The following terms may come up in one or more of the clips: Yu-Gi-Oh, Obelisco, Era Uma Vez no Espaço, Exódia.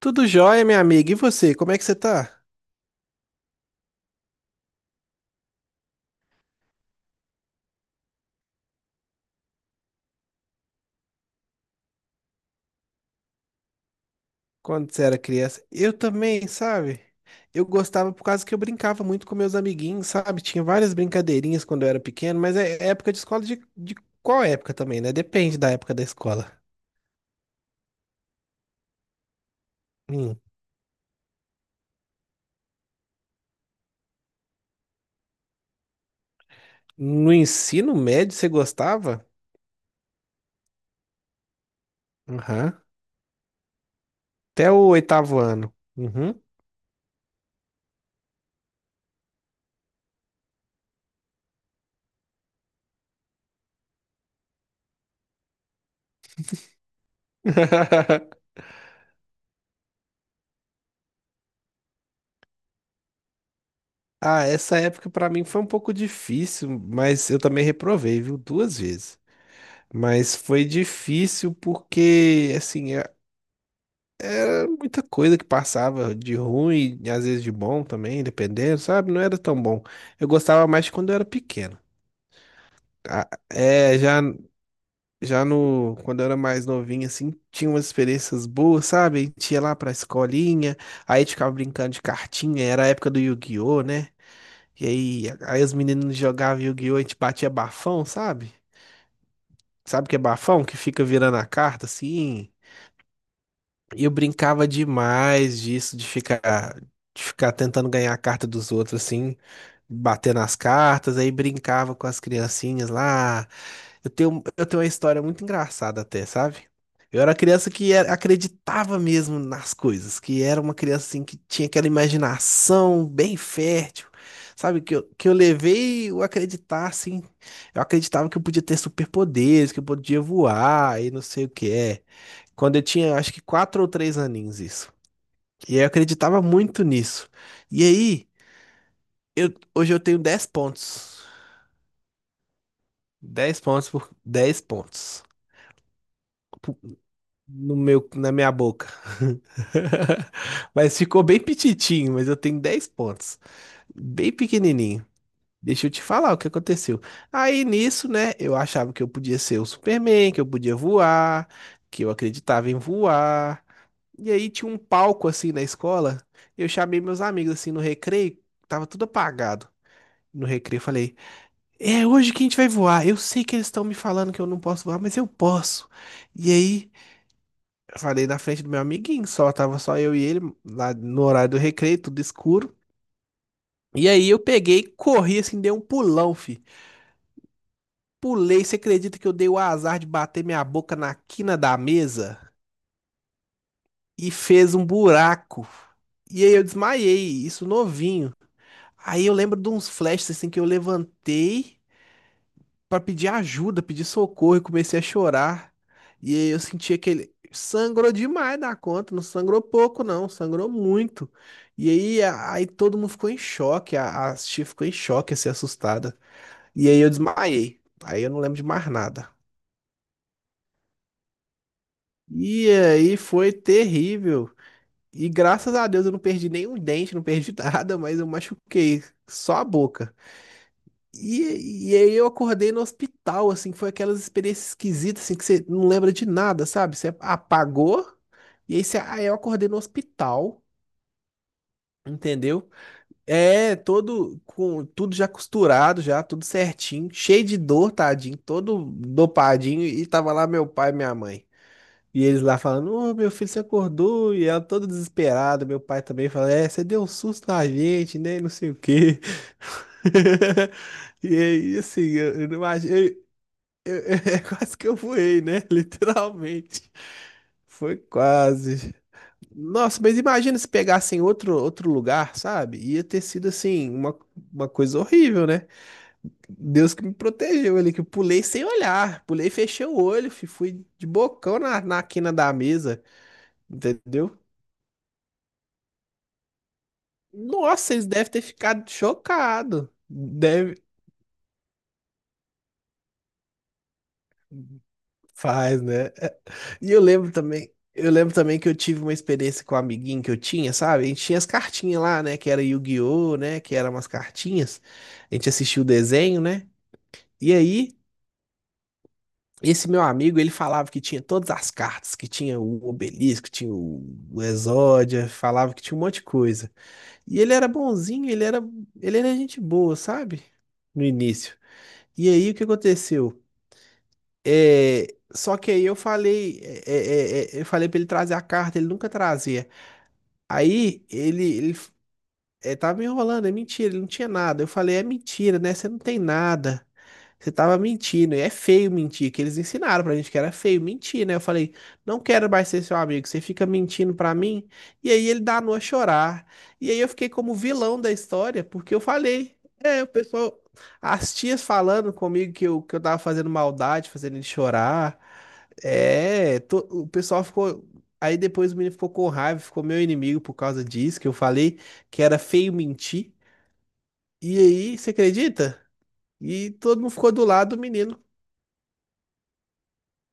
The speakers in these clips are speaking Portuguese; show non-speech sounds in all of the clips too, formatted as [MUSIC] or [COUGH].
Tudo jóia, minha amiga. E você, como é que você tá? Quando você era criança? Eu também, sabe? Eu gostava por causa que eu brincava muito com meus amiguinhos, sabe? Tinha várias brincadeirinhas quando eu era pequeno, mas é época de escola de qual época também, né? Depende da época da escola. Hum. No ensino médio, você gostava? Aham. Até o oitavo ano. Uhum. [LAUGHS] Ah, essa época pra mim foi um pouco difícil, mas eu também reprovei, viu? Duas vezes. Mas foi difícil porque, assim, era muita coisa que passava de ruim, e às vezes de bom também, dependendo, sabe? Não era tão bom. Eu gostava mais de quando eu era pequeno. Ah, é. Já, já no, quando eu era mais novinho, assim, tinha umas experiências boas, sabe? A gente ia lá pra escolinha, aí a gente ficava brincando de cartinha, era a época do Yu-Gi-Oh, né? E aí, os meninos jogavam Yu-Gi-Oh, a gente batia bafão, sabe? Sabe o que é bafão? Que fica virando a carta, assim. E eu brincava demais disso, de ficar tentando ganhar a carta dos outros, assim, bater nas cartas, aí brincava com as criancinhas lá. Eu tenho uma história muito engraçada até, sabe? Eu era criança acreditava mesmo nas coisas, que era uma criança assim que tinha aquela imaginação bem fértil, sabe? Que eu levei o acreditar, assim. Eu acreditava que eu podia ter superpoderes, que eu podia voar e não sei o que é. Quando eu tinha, acho que 4 ou 3 aninhos, isso. E eu acreditava muito nisso. E aí, eu, hoje eu tenho 10 pontos. 10 pontos por 10 pontos. Pu- no meu, na minha boca. [LAUGHS] Mas ficou bem pititinho, mas eu tenho 10 pontos. Bem pequenininho. Deixa eu te falar o que aconteceu. Aí nisso, né, eu achava que eu podia ser o Superman, que eu podia voar, que eu acreditava em voar. E aí tinha um palco assim na escola. Eu chamei meus amigos assim no recreio, tava tudo apagado. No recreio eu falei: "É hoje que a gente vai voar. Eu sei que eles estão me falando que eu não posso voar, mas eu posso." E aí eu falei na frente do meu amiguinho, só tava só eu e ele lá no horário do recreio, tudo escuro. E aí eu peguei, corri assim, dei um pulão, fi. Pulei, você acredita que eu dei o azar de bater minha boca na quina da mesa e fez um buraco? E aí eu desmaiei, isso novinho. Aí eu lembro de uns flashes assim que eu levantei pra pedir ajuda, pedir socorro e comecei a chorar. E aí eu senti aquele sangrou demais da conta, não sangrou pouco não, sangrou muito. E aí aí todo mundo ficou em choque, a tia ficou em choque, assim, assustada. E aí eu desmaiei. Aí eu não lembro de mais nada. E aí foi terrível. E graças a Deus eu não perdi nenhum dente, não perdi [LAUGHS] nada, mas eu machuquei só a boca. E aí eu acordei no hospital, assim, foi aquelas experiências esquisitas, assim, que você não lembra de nada, sabe? Você apagou, e aí eu acordei no hospital, entendeu? É, todo, com tudo já costurado, já, tudo certinho, cheio de dor, tadinho, todo dopadinho, e tava lá meu pai e minha mãe. E eles lá falando, ô meu filho, você acordou? E ela toda desesperada, meu pai também falando, é, você deu um susto na gente, né? E não sei o quê. [LAUGHS] E aí, assim, eu não imaginei. [LAUGHS] É quase que eu voei, né? [LAUGHS] Literalmente. Foi quase. Nossa, mas imagina se pegassem outro lugar, sabe? Ia ter sido, assim, uma coisa horrível, né? Deus que me protegeu ali, que eu pulei sem olhar. Pulei, fechei o olho, fi, fui de bocão na quina da mesa, entendeu? Nossa, eles devem ter ficado chocados. Deve. Faz, né? E eu lembro também, que eu tive uma experiência com um amiguinho que eu tinha, sabe? A gente tinha as cartinhas lá, né? Que era Yu-Gi-Oh, né? Que eram umas cartinhas. A gente assistia o desenho, né? E aí, esse meu amigo, ele falava que tinha todas as cartas, que tinha o Obelisco, tinha o Exódia, falava que tinha um monte de coisa. E ele era bonzinho, ele era gente boa, sabe? No início. E aí, o que aconteceu? É, só que aí eu falei, é, é, é, é, eu falei pra ele trazer a carta, ele nunca trazia. Aí ele, tava me enrolando, é mentira, ele não tinha nada. Eu falei, é mentira, né? Você não tem nada. Você tava mentindo, e é feio mentir, que eles ensinaram pra gente que era feio mentir, né? Eu falei, não quero mais ser seu amigo, você fica mentindo pra mim. E aí ele danou a chorar. E aí eu fiquei como vilão da história, porque o pessoal, as tias falando comigo que que eu tava fazendo maldade, fazendo ele chorar. É, o pessoal ficou. Aí depois o menino ficou com raiva, ficou meu inimigo por causa disso, que eu falei que era feio mentir. E aí, você acredita? E todo mundo ficou do lado do menino.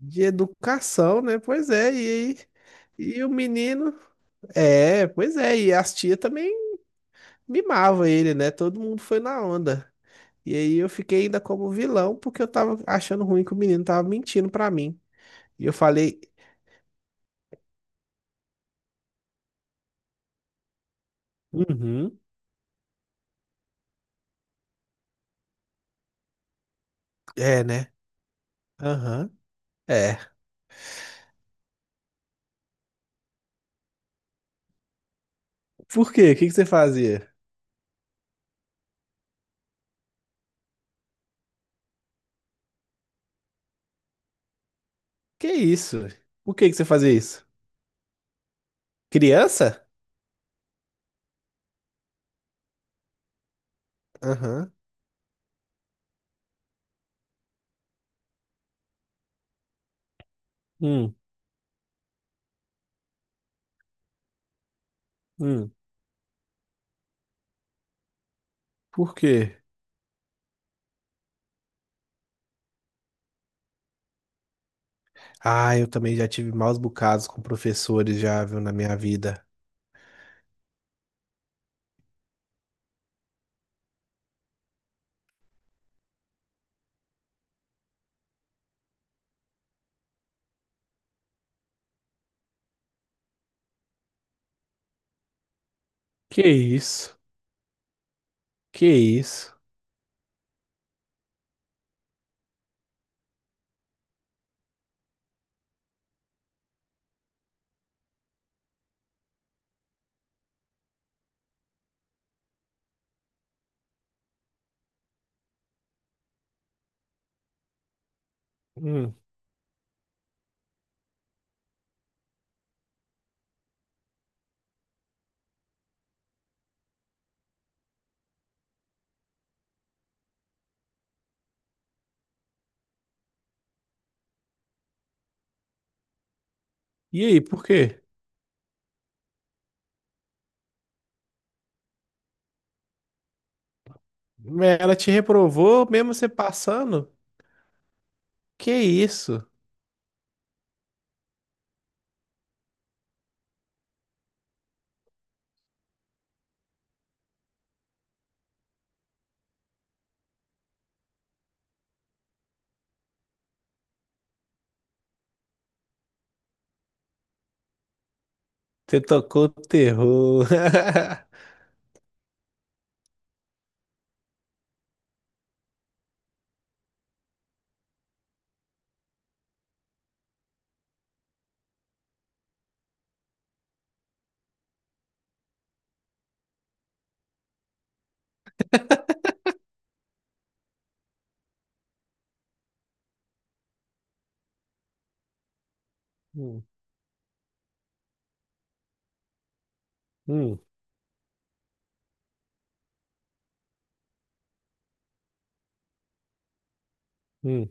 De educação, né? Pois é, e o menino. É, pois é, e as tia também mimava ele, né? Todo mundo foi na onda. E aí eu fiquei ainda como vilão, porque eu tava achando ruim que o menino tava mentindo pra mim. E eu falei, uhum, é, né? Aham, é. Por quê? O que que você fazia? Que isso? Por que que você fazia isso? Criança? Aham. Hum, hum. Por quê? Ah, eu também já tive maus bocados com professores já, viu, na minha vida. Que isso? Que isso? Hum. E aí, por quê? Ela te reprovou mesmo você passando? Que isso? Você tocou terror. [LAUGHS] Hum, hum, hum,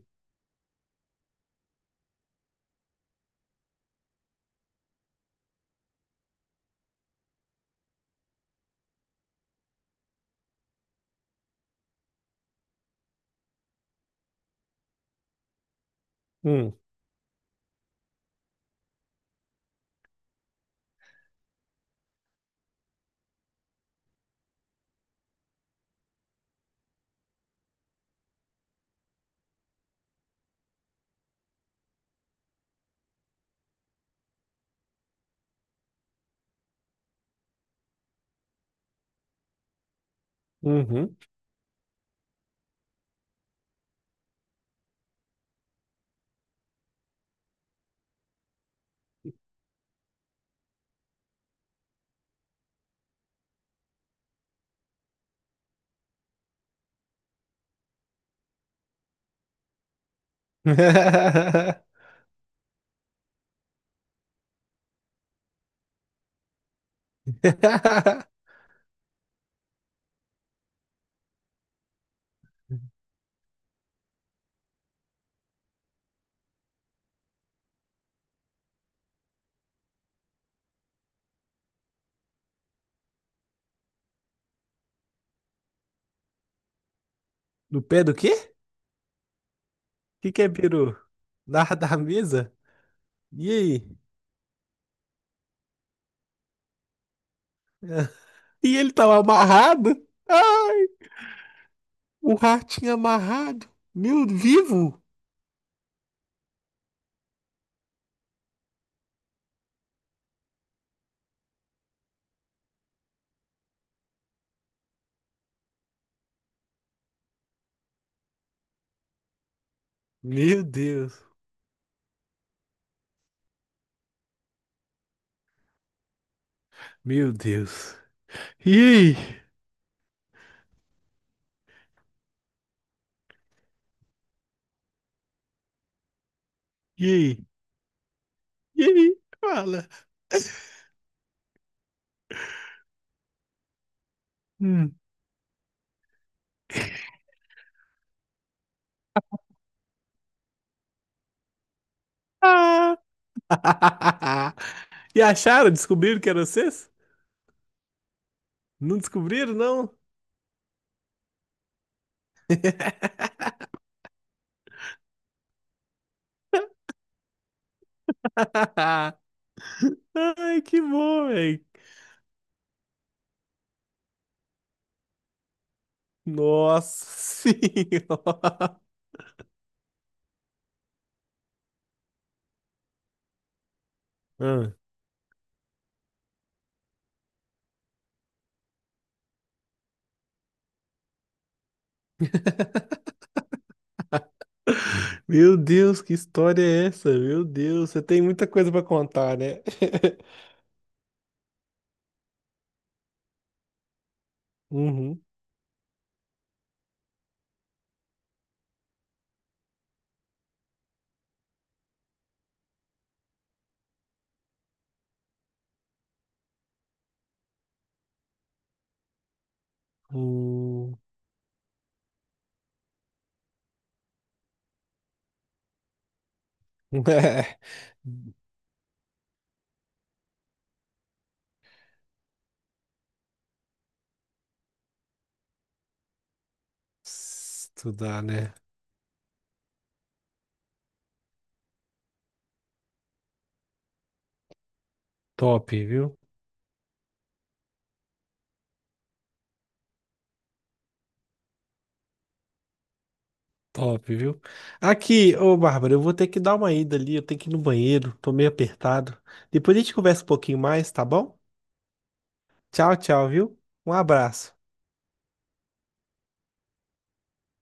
hum, uhum. [LAUGHS] No pé do quê? O que que é peru? Da mesa? E aí? E ele tava amarrado? Ah! O ratinho amarrado? Meu, vivo? Meu Deus. Meu Deus. E aí? E aí? E aí? Fala. Hum. Ah. [LAUGHS] E acharam? Descobriram que eram vocês? Não descobriram, não? [LAUGHS] Ai, que bom, velho. Nossa senhora. [LAUGHS] Ah. Meu Deus, que história é essa? Meu Deus, você tem muita coisa pra contar, né? [LAUGHS] Uhum. Hum. [LAUGHS] Estudar, né? Top, viu? Top, viu? Aqui, ô Bárbara, eu vou ter que dar uma ida ali, eu tenho que ir no banheiro, tô meio apertado. Depois a gente conversa um pouquinho mais, tá bom? Tchau, tchau, viu? Um abraço.